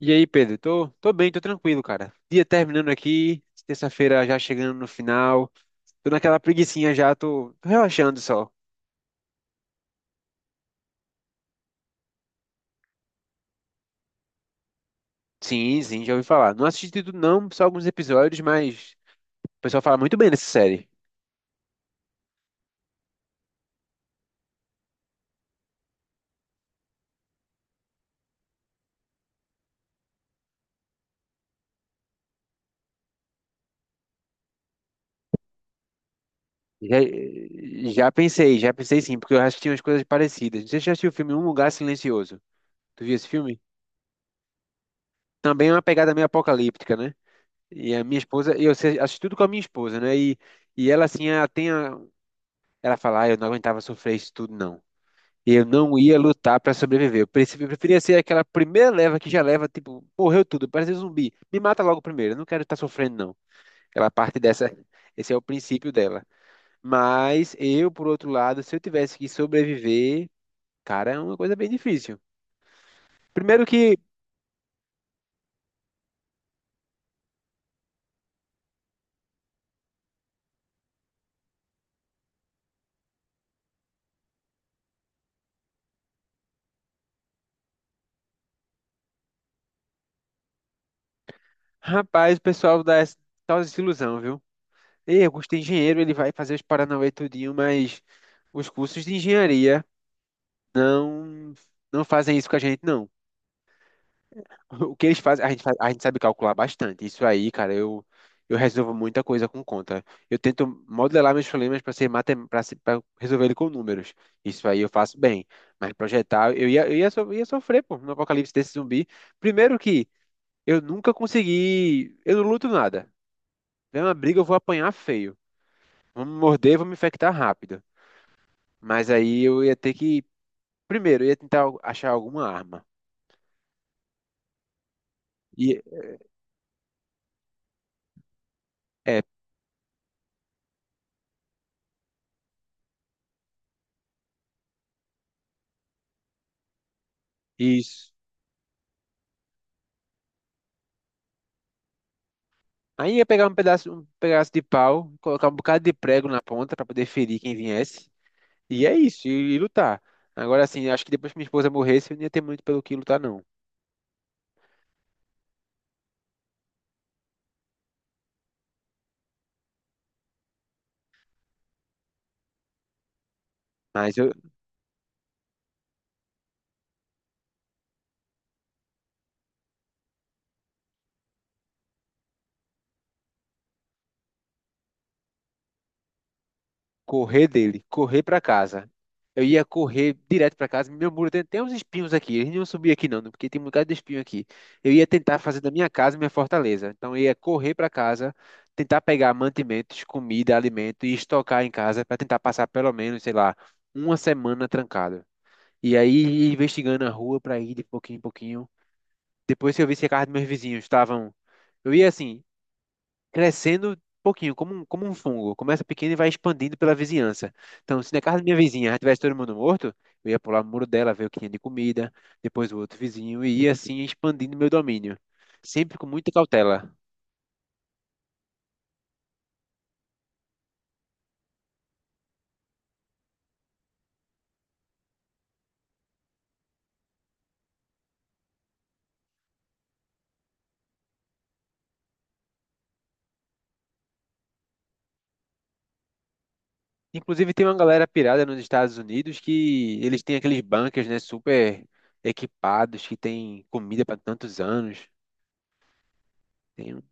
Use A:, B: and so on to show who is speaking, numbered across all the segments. A: E aí, Pedro? Tô bem, tô tranquilo, cara. Dia terminando aqui, terça-feira já chegando no final. Tô naquela preguicinha já, tô relaxando só. Sim, sim, já ouvi falar. Não assisti tudo não, só alguns episódios, mas o pessoal fala muito bem dessa série. Já, já pensei sim, porque eu assisti umas coisas parecidas. Não sei se você já assistiu o filme Um Lugar Silencioso. Tu viu esse filme? Também é uma pegada meio apocalíptica, né? E a minha esposa, eu assisti tudo com a minha esposa, né? E ela assim, ela tem a, ela fala, ah, eu não aguentava sofrer isso tudo não. Eu não ia lutar pra sobreviver. Eu preferia ser aquela primeira leva que já leva, tipo, morreu tudo, parece um zumbi. Me mata logo primeiro, eu não quero estar sofrendo, não. Ela parte dessa, esse é o princípio dela. Mas eu, por outro lado, se eu tivesse que sobreviver, cara, é uma coisa bem difícil. Primeiro que, rapaz, o pessoal dá essa tal desilusão, viu? Ei, Augusto é engenheiro, ele vai fazer os paranauê tudinho, mas os cursos de engenharia não, não fazem isso com a gente, não. O que eles fazem, a gente, a gente sabe calcular bastante. Isso aí, cara, eu resolvo muita coisa com conta. Eu tento modelar meus problemas para ser matem para resolver ele com números. Isso aí eu faço bem. Mas projetar, ia sofrer, pô, no apocalipse desse zumbi. Primeiro que eu nunca consegui, eu não luto nada. Vem uma briga, eu vou apanhar feio. Vão me morder, vão me infectar rápido. Mas aí eu ia ter que, primeiro, eu ia tentar achar alguma arma. E é isso. Aí ia pegar um pedaço de pau, colocar um bocado de prego na ponta para poder ferir quem viesse. E é isso, e lutar. Agora sim, acho que depois que minha esposa morresse, eu não ia ter muito pelo que lutar, não. Mas eu correr dele, correr para casa. Eu ia correr direto para casa. Meu muro tem uns espinhos aqui. Eles não iam subir aqui, não, porque tem um bocado de espinho aqui. Eu ia tentar fazer da minha casa minha fortaleza. Então eu ia correr para casa, tentar pegar mantimentos, comida, alimento e estocar em casa para tentar passar pelo menos, sei lá, uma semana trancado. E aí ia investigando a rua para ir de pouquinho em pouquinho. Depois que eu vi se a casa dos meus vizinhos estavam. Eu ia assim, crescendo pouquinho, como um fungo. Começa pequeno e vai expandindo pela vizinhança. Então, se na casa da minha vizinha já tivesse todo mundo morto, eu ia pular o muro dela, ver o que tinha de comida, depois o outro vizinho, e ia assim expandindo meu domínio. Sempre com muita cautela. Inclusive, tem uma galera pirada nos Estados Unidos que eles têm aqueles bunkers, né, super equipados, que tem comida para tantos anos. Tem um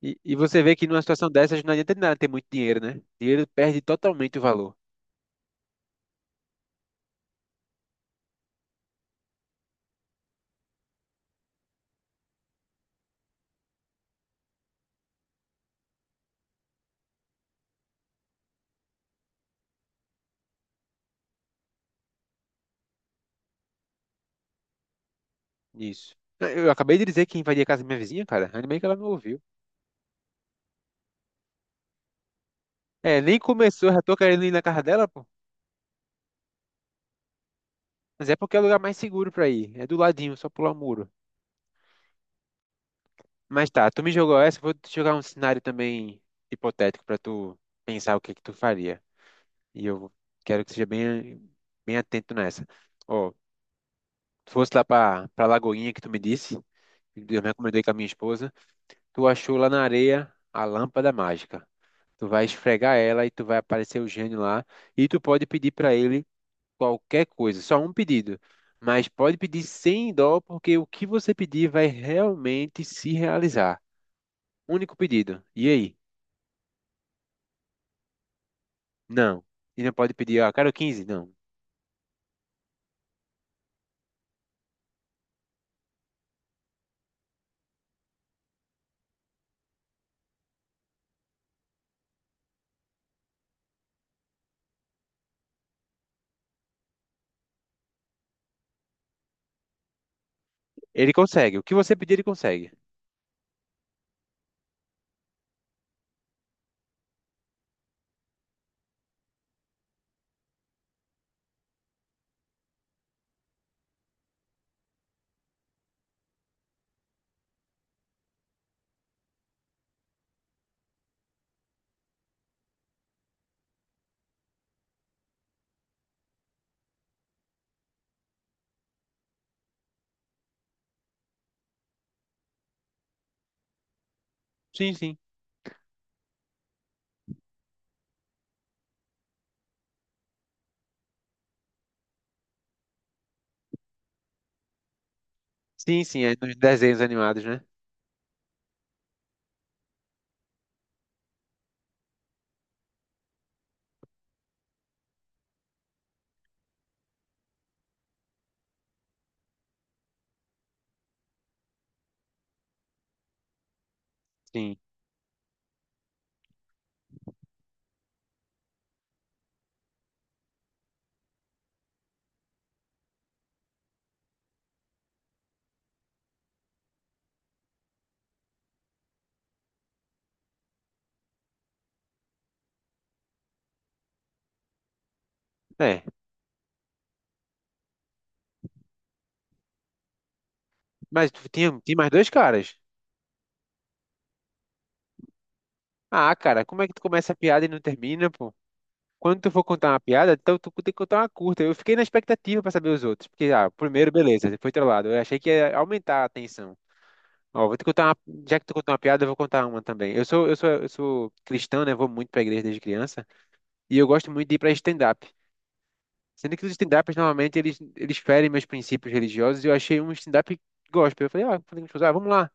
A: e você vê que numa situação dessas não adianta de nada ter muito dinheiro, né? Dinheiro perde totalmente o valor nisso. Eu acabei de dizer que invadi a casa da minha vizinha, cara. Ainda bem que ela não ouviu. É, nem começou, já tô querendo ir na casa dela, pô. Mas é porque é o lugar mais seguro pra ir. É do ladinho, só pular o muro. Mas tá, tu me jogou essa, eu vou te jogar um cenário também hipotético pra tu pensar o que que tu faria. E eu quero que seja bem, bem atento nessa. Ó, tu fosse lá pra Lagoinha que tu me disse, eu recomendei com a minha esposa. Tu achou lá na areia a lâmpada mágica. Tu vai esfregar ela e tu vai aparecer o gênio lá. E tu pode pedir para ele qualquer coisa, só um pedido. Mas pode pedir sem dó, porque o que você pedir vai realmente se realizar. Único pedido. E aí? Não. E não pode pedir, ah, quero 15 não. Ele consegue. O que você pedir, ele consegue. Sim, sim. Sim, sim. É nos desenhos animados, né? Sim. É. Mas tu tinha, tinha mais dois caras. Ah, cara, como é que tu começa a piada e não termina, quando tu for contar uma piada, então tu tem que contar uma curta. Eu fiquei na expectativa pra saber os outros. Porque, ah, o primeiro, beleza, foi trollado. Eu achei que ia aumentar a tensão. Ó, vou te contar uma... Já que tu contou uma piada, eu vou contar uma também. Eu sou cristão, né? Vou muito pra igreja desde criança. E eu gosto muito de ir pra stand-up. Sendo que os stand-ups, normalmente, eles ferem meus princípios religiosos. E eu achei um stand-up gospel. Eu falei, ah, falei com os meus amigos, ah, vamos lá.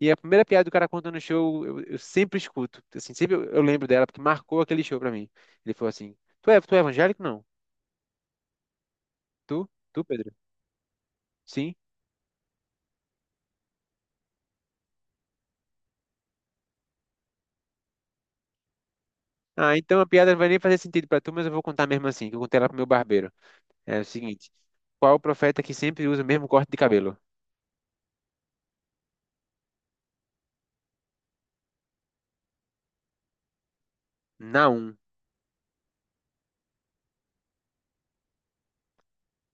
A: E a primeira piada do cara contando no show, eu sempre escuto. Assim, sempre eu lembro dela, porque marcou aquele show pra mim. Ele falou assim, tu é evangélico? Não. Tu? Tu, Pedro? Sim? Ah, então a piada não vai nem fazer sentido pra tu, mas eu vou contar mesmo assim, que eu contei ela pro meu barbeiro. É o seguinte: qual o profeta que sempre usa o mesmo corte de cabelo? Naum.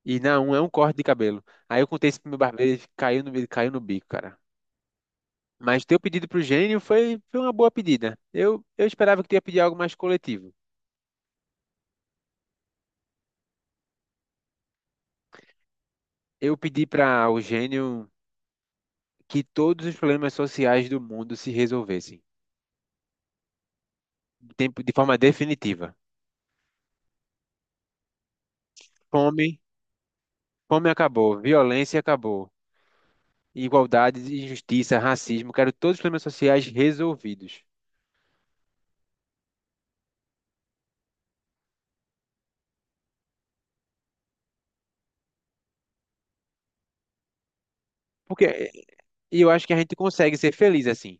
A: E Naum é um corte de cabelo. Aí eu contei isso pro meu barbeiro, ele caiu no bico, cara. Mas teu pedido pro gênio foi, foi uma boa pedida. Eu esperava que tu ia pedir algo mais coletivo. Eu pedi para o gênio que todos os problemas sociais do mundo se resolvessem, de forma definitiva. Fome, fome acabou, violência acabou. Igualdade, injustiça, racismo, quero todos os problemas sociais resolvidos. Porque e eu acho que a gente consegue ser feliz assim.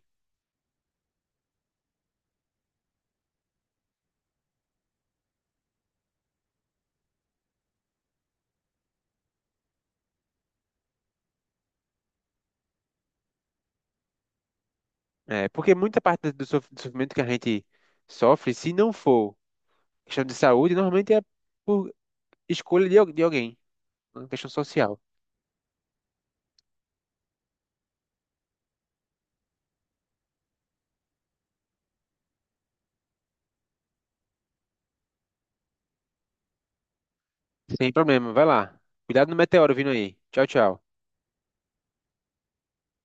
A: É, porque muita parte do do sofrimento que a gente sofre, se não for questão de saúde, normalmente é por escolha de alguém, uma questão social. Sem problema, vai lá. Cuidado no meteoro vindo aí. Tchau, tchau.